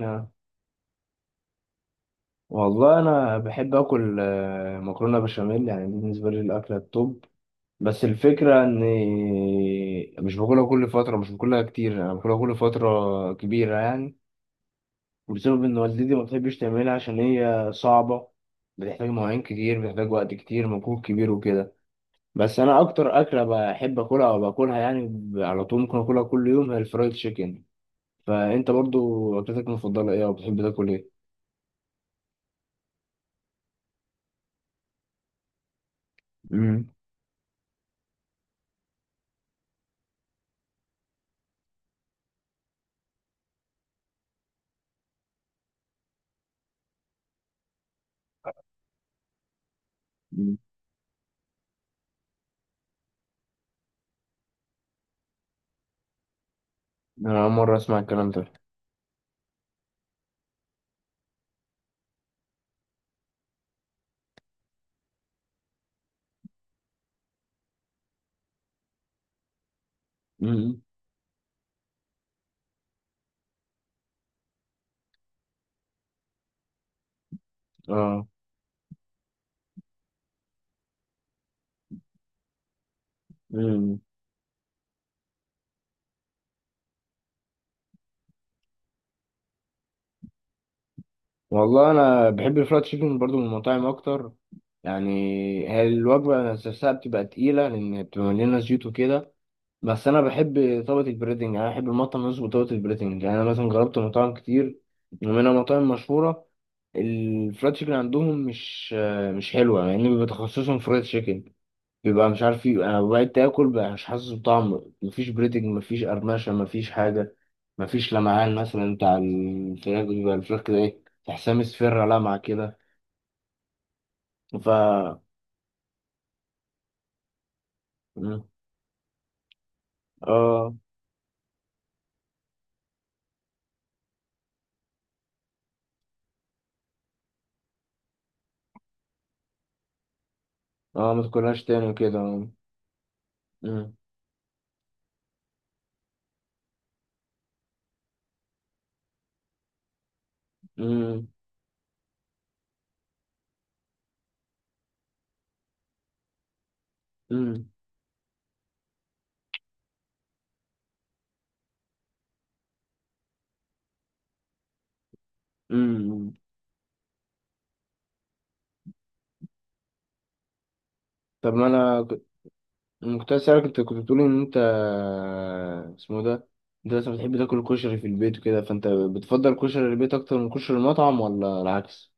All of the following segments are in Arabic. آه. والله انا بحب اكل مكرونه بشاميل، يعني دي بالنسبه لي الاكله التوب. بس الفكره اني مش باكلها كل فتره، مش باكلها كتير، انا باكلها كل فتره كبيره يعني، بسبب ان والدتي ما بتحبش تعملها عشان هي صعبه، بتحتاج مواعين كتير، بتحتاج وقت كتير، مجهود كبير وكده. بس انا اكتر اكله بحب اكلها او باكلها يعني على طول، ممكن اكلها كل يوم، هي الفرايد تشيكن. فانت برضو اكلتك المفضله ايه، او بتحب تاكل ايه؟ مم. انا اول مره اسمع الكلام ده. امم. اه. امم. والله انا بحب الفرايد تشيكن برضو من المطاعم اكتر يعني. هي الوجبه نفسها بتبقى تقيله لان بتبقى مليانه زيوت وكده. بس انا بحب طبقه البريدنج، يعني انا بحب المطعم يظبط طبقه البريدنج. يعني انا مثلا جربت مطاعم كتير ومنها مطاعم مشهوره، الفرايد تشيكن عندهم مش حلوه يعني، بيبقى تخصصهم فرايد تشيكن، بيبقى مش عارف ايه. انا بقيت اكل بقى مش حاسس بطعم، مفيش بريدنج، مفيش قرمشه، مفيش حاجه، مفيش لمعان مثلا بتاع الفراخ، بيبقى الفراخ كده ايه، تحسها مصفرة لمعة كده. ف مم. اه. اه، ما تاكلهاش تاني كده. مم. مم. مم. مم. طب ما انا كنت أنا كنت عايز اسالك، انت كنت بتقولي ان انت اسمه ده، انت مثلا بتحب تاكل كشري في البيت وكده، فانت بتفضل كشري البيت اكتر من كشري المطعم ولا العكس؟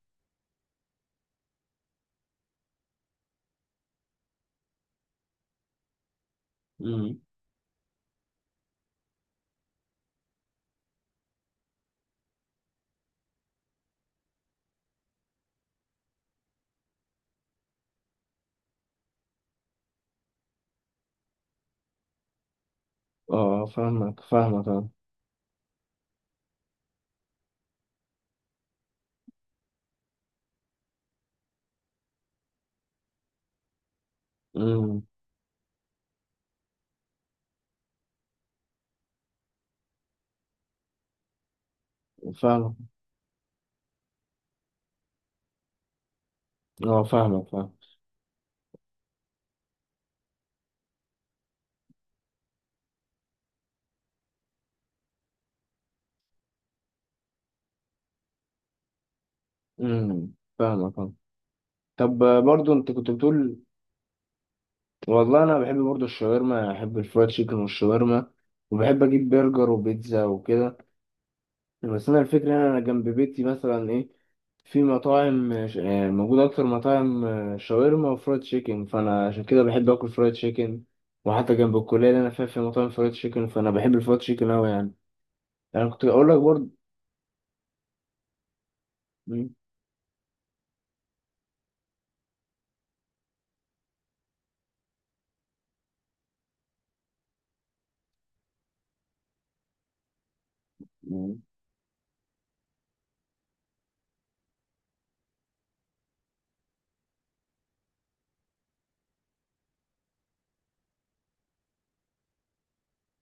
اه، فاهمك فاهمك اه. امم. فاهمك اه، فاهمك فاهم. امم. فاهمك اه. طب برضو انت كنت بتقول. والله انا بحب برضو الشاورما، يعني احب الفرايد تشيكن والشاورما، وبحب اجيب برجر وبيتزا وكده. بس انا الفكره ان انا جنب بيتي مثلا ايه، في مطاعم موجود اكتر مطاعم شاورما وفرايد تشيكن، فانا عشان كده بحب اكل فرايد تشيكن. وحتى جنب الكليه اللي انا فيها في مطاعم فرايد تشيكن، فانا بحب الفرايد تشيكن اوي يعني. انا كنت اقول لك برضو. مم.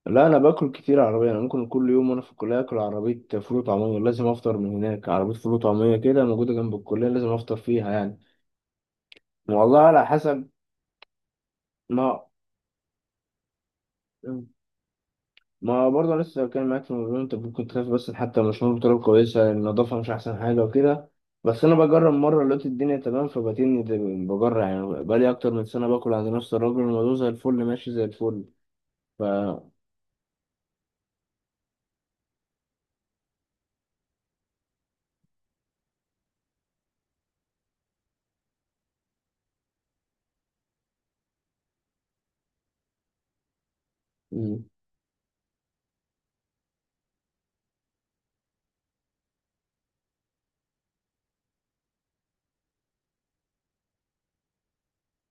لا، انا باكل كتير عربيه، انا ممكن كل يوم وانا في الكليه اكل عربيه فول وطعميه، لازم افطر من هناك، عربيه فول وطعميه كده موجوده جنب الكليه، لازم افطر فيها يعني. والله على حسب. ما ما برضه لسه كان معاك في الموضوع، انت ممكن تخاف، بس حتى مش مهم بطريقه كويسه، النظافه مش احسن حاجه وكده. بس انا بجرب مره، لقيت الدنيا تمام، بجرب يعني، بقالي اكتر من سنه باكل عند نفس الراجل، الموضوع زي الفل ماشي زي الفل. ف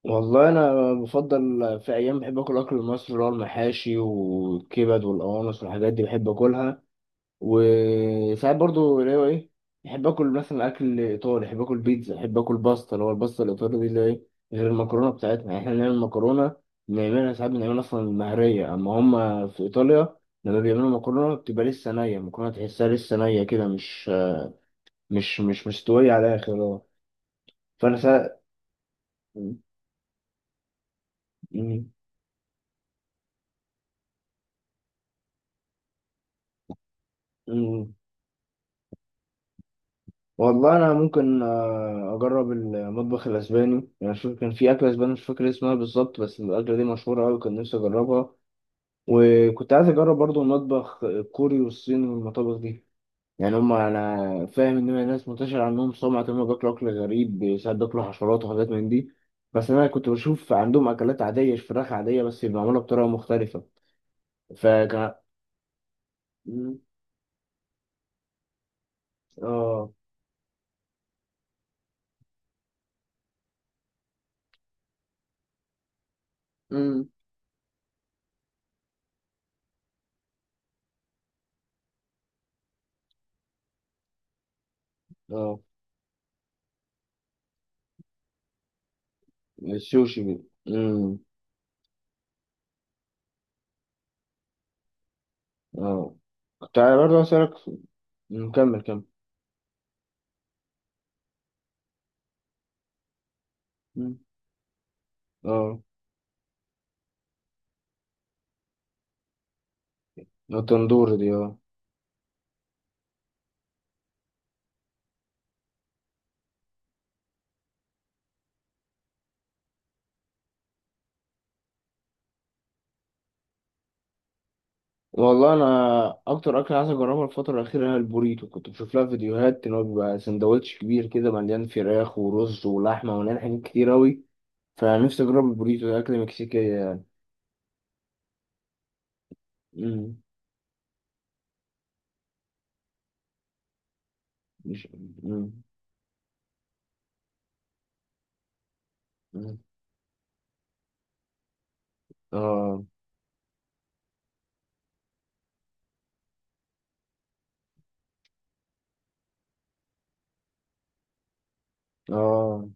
والله انا بفضل في ايام بحب اكل اكل المصري، اللي هو المحاشي والكبد والقوانص والحاجات دي، بحب اكلها. وساعات برضو اللي هو ايه، بحب اكل مثلا اكل ايطالي، بحب اكل بيتزا، بحب اكل باستا، اللي هو الباستا الايطالي دي اللي هي ايه، غير المكرونه بتاعتنا. يعني احنا بنعمل مكرونه، بنعملها ساعات، بنعملها اصلا مهريه، اما هم في ايطاليا لما بيعملوا مكرونه بتبقى لسه نيه، المكرونه تحسها لسه نيه كده، مش مستويه على الاخر اه. فانا ساعات والله انا ممكن اجرب المطبخ الاسباني يعني، شوف كان في اكله اسباني مش فاكر اسمها بالظبط، بس الاكله دي مشهوره قوي، كان نفسي اجربها. وكنت عايز اجرب برضو المطبخ الكوري والصيني والمطابخ دي. يعني هم، انا فاهم ان هي ناس منتشر عنهم سمعه ان هم بياكلوا اكل غريب، ساعات بياكلوا حشرات وحاجات من دي، بس انا كنت بشوف عندهم اكلات عاديه، فراخ عاديه بس معموله بطريقه مختلفه. فكان مم. اه. امم. اه. السوشي. اه. كنت برضه اسألك نكمل كمل. مم. اه. التندور دي اه. والله انا اكتر اكل عايز اجربها الفتره الاخيره هي البوريتو، كنت بشوف لها فيديوهات ان هو بيبقى سندوتش كبير كده، مليان فراخ ورز ولحمه ومليان حاجات كتير اوي. فنفسي اجرب البوريتو ده، اكل مكسيكيه يعني. مم. مش. مم. مم. اه. اه.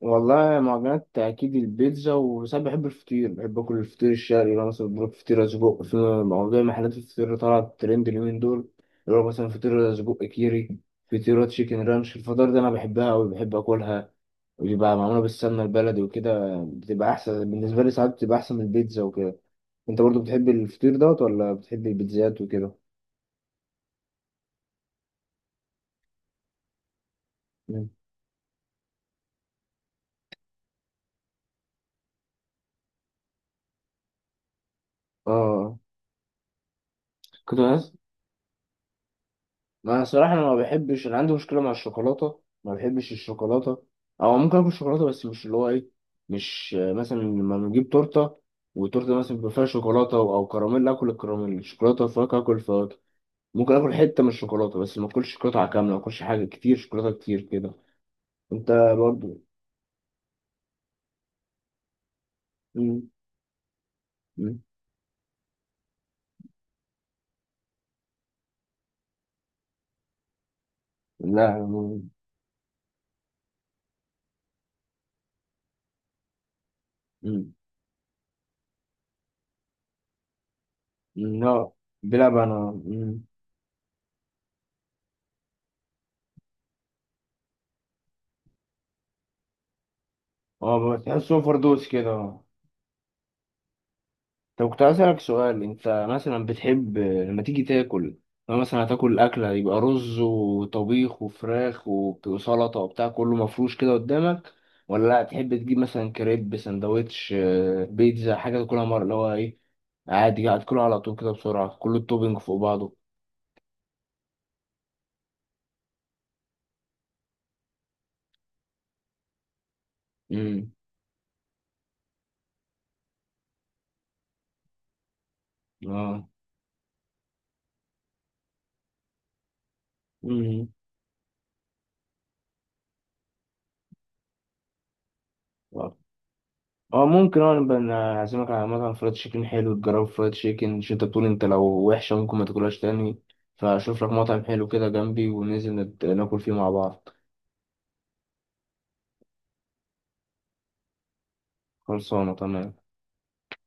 والله معجنات أكيد البيتزا، وساعات بحب الفطير، بحب آكل الفطير الشرقي، لو مثلا بروح فطيرة سجق. في موضوع محلات الفطير، طلعت ترند اليومين دول، اللي هو مثلا فطيرة سجق كيري، فطيرة تشيكن رانش، الفطار ده أنا بحبها أوي، بحب آكلها. وبيبقى معمولة بالسمنة البلدي وكده، بتبقى أحسن بالنسبة لي، ساعات بتبقى أحسن من البيتزا وكده. أنت برضو بتحب الفطير دوت ولا بتحب البيتزات وكده؟ مم. آه. كنت ما أنا صراحة، أنا ما بحبش، أنا عندي مشكلة مع الشوكولاتة، ما بحبش الشوكولاتة. أو ممكن آكل شوكولاتة بس مش اللي هو إيه، مش مثلا لما نجيب تورتة، وتورتة مثلا بيبقى فيها شوكولاتة أو كراميل، آكل الكراميل، شوكولاتة وفواكه آكل الفواكه. ممكن آكل حتة من الشوكولاتة بس ما آكلش قطعة كاملة، ما آكلش حاجة كتير، شوكولاتة كتير كده. أنت برضو مم. مم. لا. مم. مم. لا. بلعب أنا. مم. أه، بتحسهم فردوس كده. طب كنت عايز اسألك سؤال، انت مثلا بتحب لما تيجي تاكل، لو مثلا هتاكل أكلة يبقى رز وطبيخ وفراخ وسلطة وبتاع كله مفروش كده قدامك، ولا تحب تجيب مثلا كريب، سندوتش، بيتزا، حاجة تاكلها مرة اللي هو ايه، عادي هتاكلها على طول كده بسرعة، كل التوبينج فوق بعضه. امم. اه. مم. اه ممكن، اه نبقى نعزمك على مطعم فرايد تشيكن حلو، تجرب فرايد تشيكن، مش انت بتقول انت لو وحشة ممكن ما تاكلهاش تاني؟ فاشوف لك مطعم حلو كده جنبي، وننزل ناكل فيه مع بعض. خلصانة تمام.